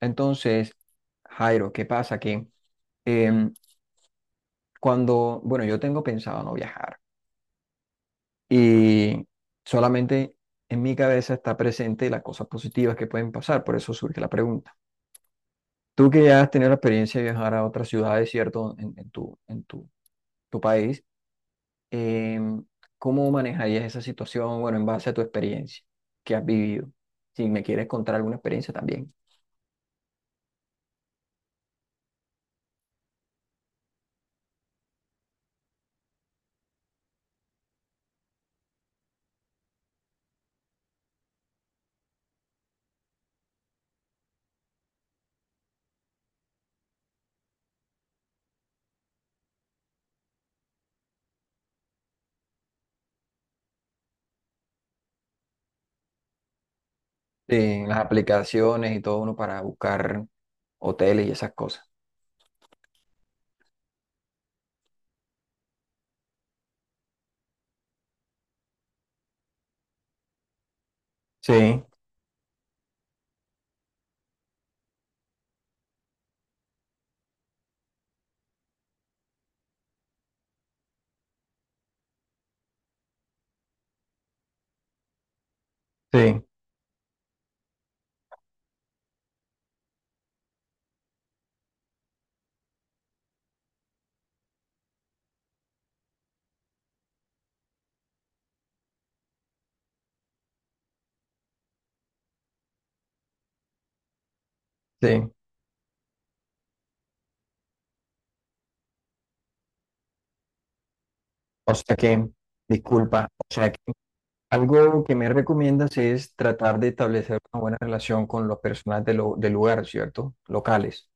Entonces, Jairo, ¿qué pasa? Que em, cuando, bueno, yo tengo pensado no viajar y solamente en mi cabeza está presente las cosas positivas que pueden pasar, por eso surge la pregunta. Tú que ya has tenido la experiencia de viajar a otras ciudades, ¿cierto? En tu tu país, em, ¿cómo manejarías esa situación, bueno, en base a tu experiencia que has vivido? Si me quieres contar alguna experiencia también, en las aplicaciones y todo uno para buscar hoteles y esas cosas. Sí. Sí, sí. O sea que, disculpa, o sea que algo que me recomiendas es tratar de establecer una buena relación con los personas de lo- del lugar, ¿cierto? Locales.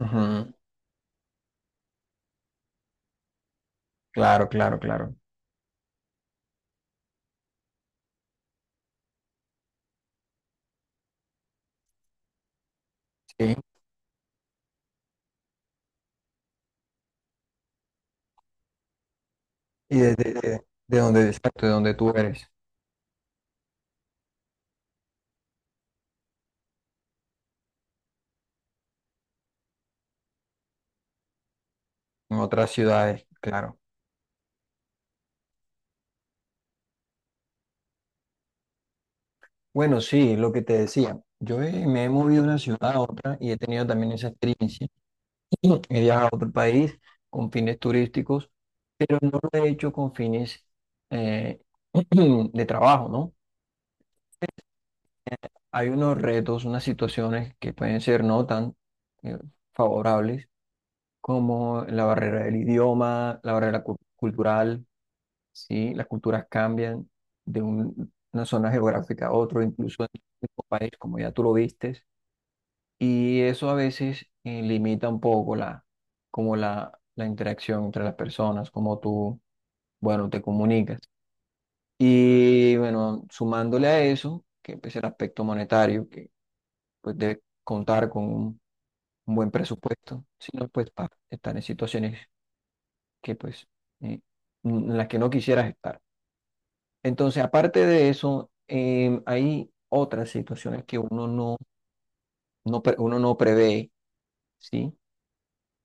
Ujú. Claro, claro, claro. Sí. Y desde de donde, exacto, de donde tú eres, en otras ciudades, claro. Bueno, sí, lo que te decía. Yo he- me he movido de una ciudad a otra y he tenido también esa experiencia. He viajado por el país con fines turísticos, pero no lo he hecho con fines eh, de trabajo, ¿no? Hay unos retos, unas situaciones que pueden ser no tan eh, favorables como la barrera del idioma, la barrera cu- cultural, ¿sí? Las culturas cambian de un- una zona geográfica a otra, incluso en el mismo país, como ya tú lo viste. Y eso a veces limita un poco la, como la interacción entre las personas, como tú, bueno, te comunicas. Y bueno, sumándole a eso, que es el aspecto monetario, que pues debe contar con un buen presupuesto, si no, pues para estar en situaciones que pues eh, en las que no quisieras estar. Entonces, aparte de eso, hay otras situaciones que uno no, no, pre- uno no prevé, ¿sí?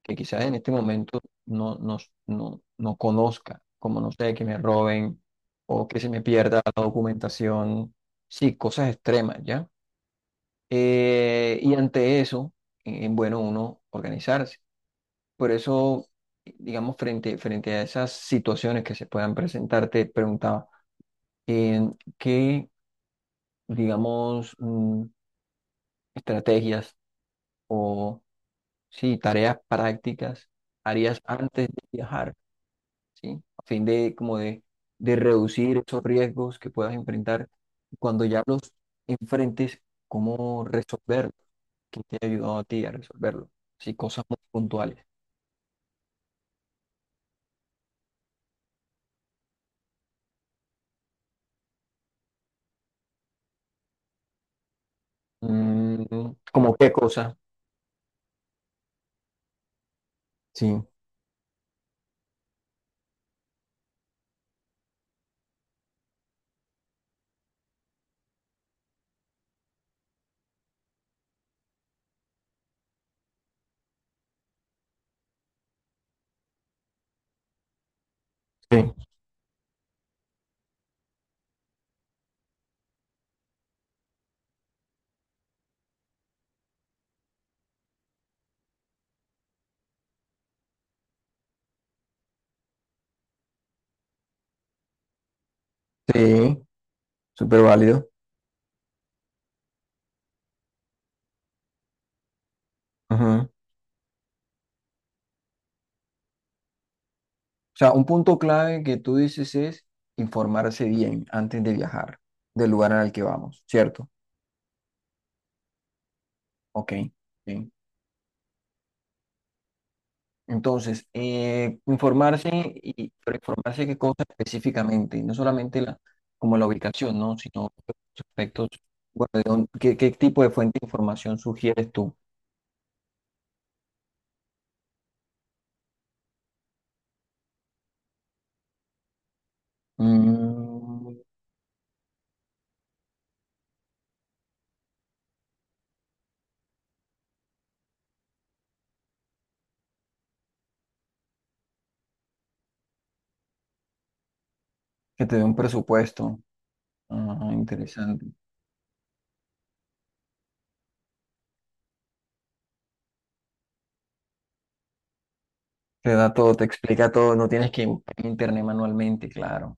Que quizás en este momento no, no, no, no conozca, como no sé, que me roben o que se me pierda la documentación, sí, cosas extremas, ¿ya? Y ante eso, es bueno uno organizarse. Por eso, digamos, frente, frente a esas situaciones que se puedan presentar, te preguntaba, eh, ¿qué, digamos, estrategias o, sí, tareas prácticas harías antes de viajar? ¿Sí? A fin de, como de reducir esos riesgos que puedas enfrentar. Cuando ya los enfrentes, ¿cómo resolverlos? ¿Qué te ha ayudado a ti a resolverlo? Sí, cosas muy puntuales. Mm, ¿cómo qué cosa? Sí, sí, sí, súper válido. Ajá. O sea, un punto clave que tú dices es informarse bien antes de viajar del lugar al que vamos, ¿cierto? Ok, sí. Entonces, informarse y pero informarse qué cosa específicamente, no solamente la, como la ubicación, ¿no? Sino los aspectos, bueno, de dónde- qué, ¿qué tipo de fuente de información sugieres tú? Mm, que te dé un presupuesto. Ah, interesante. Te da todo, te explica todo, no tienes que buscar en internet manualmente, claro.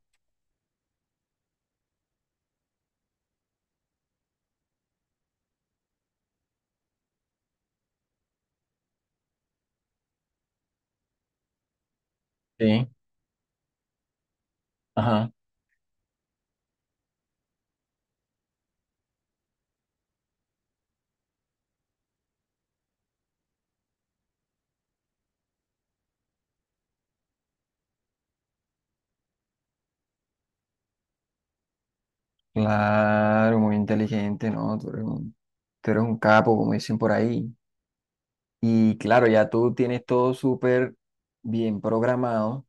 Sí. Ajá. Claro, muy inteligente, ¿no? Tú eres un capo, como dicen por ahí. Y claro, ya tú tienes todo súper bien programado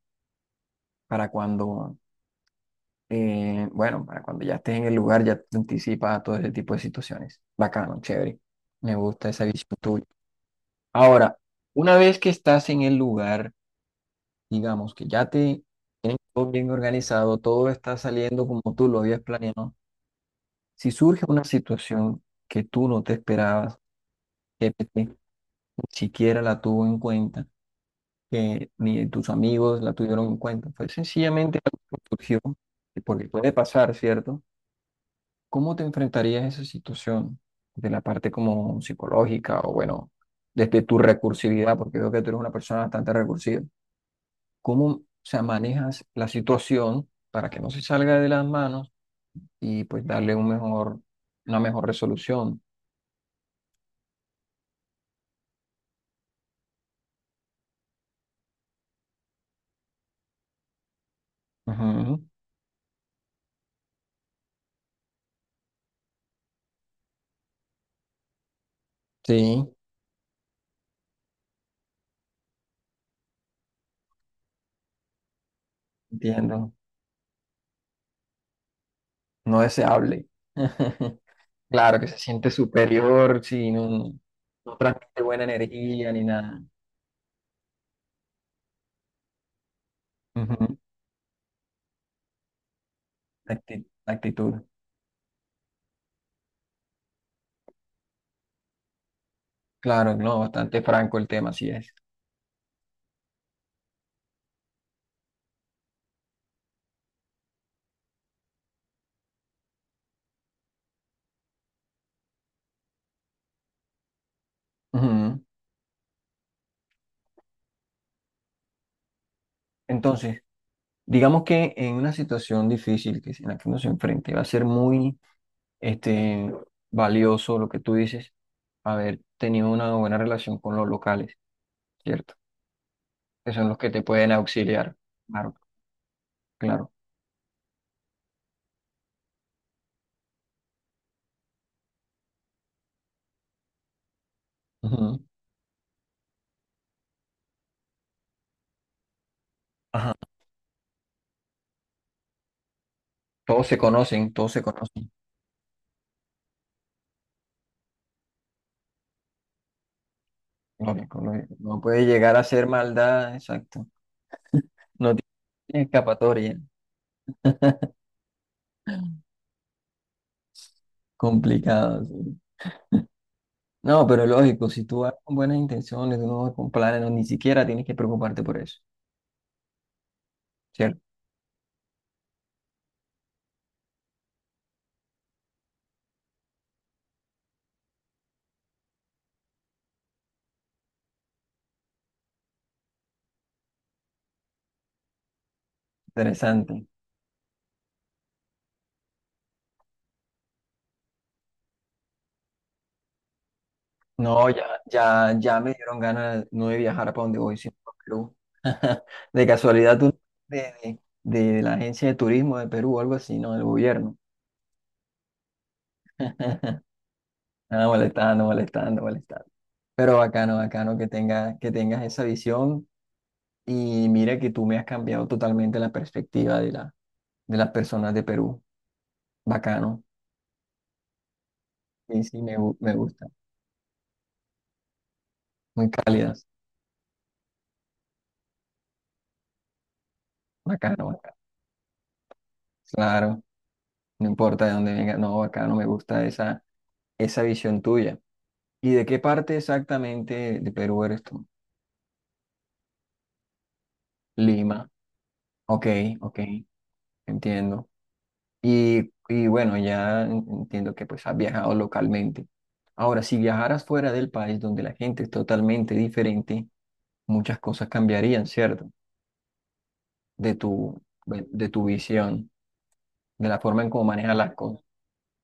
para cuando, bueno, para cuando ya estés en el lugar, ya te anticipas a todo ese tipo de situaciones. Bacano, chévere. Me gusta esa visión tuya. Ahora, una vez que estás en el lugar, digamos que ya te todo bien organizado, todo está saliendo como tú lo habías planeado, si surge una situación que tú no te esperabas, que PT ni siquiera la tuvo en cuenta, que ni tus amigos la tuvieron en cuenta. Fue sencillamente algo que surgió, y porque puede pasar, ¿cierto? ¿Cómo te enfrentarías a esa situación de la parte como psicológica o bueno, desde tu recursividad, porque veo que tú eres una persona bastante recursiva? ¿Cómo, se manejas la situación para que no se salga de las manos y pues darle un mejor, una mejor resolución? Ujú. Sí, entiendo. No deseable. Claro, que se siente superior, si no, no transmite buena energía ni nada. Ujú. Acti- actitud. Claro, no, bastante franco el tema, así es. Ujú. Entonces, digamos que en una situación difícil que, en la que uno se enfrente, va a ser muy este, valioso lo que tú dices, haber tenido una buena relación con los locales, ¿cierto? Que son los que te pueden auxiliar. Claro, claro. Ujú. Ajá. Todos se conocen, todos se conocen. Lógico, lógico. No puede llegar a ser maldad, exacto. No tiene escapatoria. Complicado, sí. No, pero lógico, si tú vas con buenas intenciones, tú no vas con planes, no, ni siquiera tienes que preocuparte por eso. ¿Cierto? Interesante. No, ya, ya, ya me dieron ganas no de viajar para donde voy, sino para Perú. De casualidad, tú de la agencia de turismo de Perú o algo así, ¿no? Del gobierno. Ah, molestando, molestando, molestando. Pero bacano, bacano que tenga, que tengas esa visión. Y mira que tú me has cambiado totalmente la perspectiva de la, de las personas de Perú. Bacano. Sí, sí, me, gu- me gusta. Muy cálidas. Bacano, bacano. Claro, no importa de dónde venga. No, bacano, me gusta esa, esa visión tuya. ¿Y de qué parte exactamente de Perú eres tú? Lima. Ok, ok, entiendo. Y bueno, ya en- entiendo que pues has viajado localmente. Ahora, si viajaras fuera del país donde la gente es totalmente diferente, muchas cosas cambiarían, ¿cierto? De tu, de tu visión, de la forma en cómo manejas las cosas.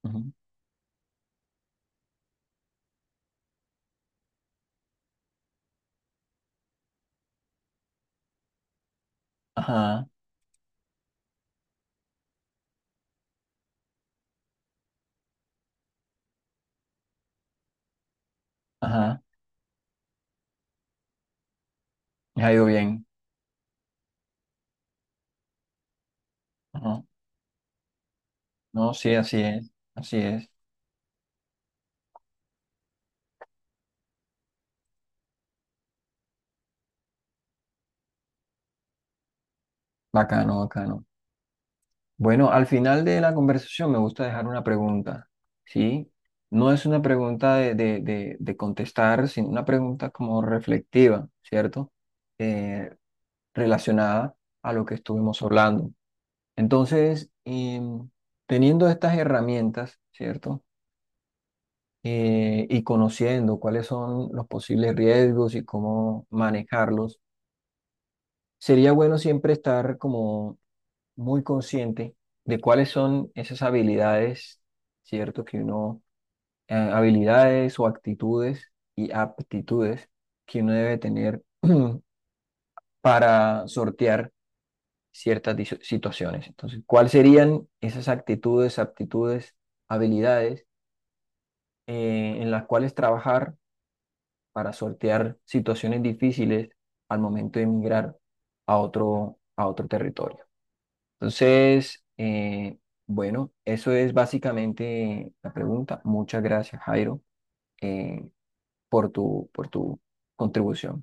Ujú. Ajá, ajá, me ha ido bien. Ajá. No, sí, así es, así es. Bacano, bacano. Bueno, al final de la conversación me gusta dejar una pregunta, ¿sí? No es una pregunta de contestar, sino una pregunta como reflectiva, ¿cierto? Eh, Relacionada a lo que estuvimos hablando. Entonces, em, teniendo estas herramientas, ¿cierto? Y conociendo cuáles son los posibles riesgos y cómo manejarlos, sería bueno siempre estar como muy consciente de cuáles son esas habilidades, ¿cierto? Que uno, habilidades o actitudes y aptitudes que uno debe tener para sortear ciertas diso- situaciones. Entonces, ¿cuáles serían esas actitudes, aptitudes, habilidades en las cuales trabajar? Para sortear situaciones difíciles al momento de emigrar a otro territorio. Entonces, bueno, eso es básicamente la pregunta. Muchas gracias, Jairo, eh, por tu contribución.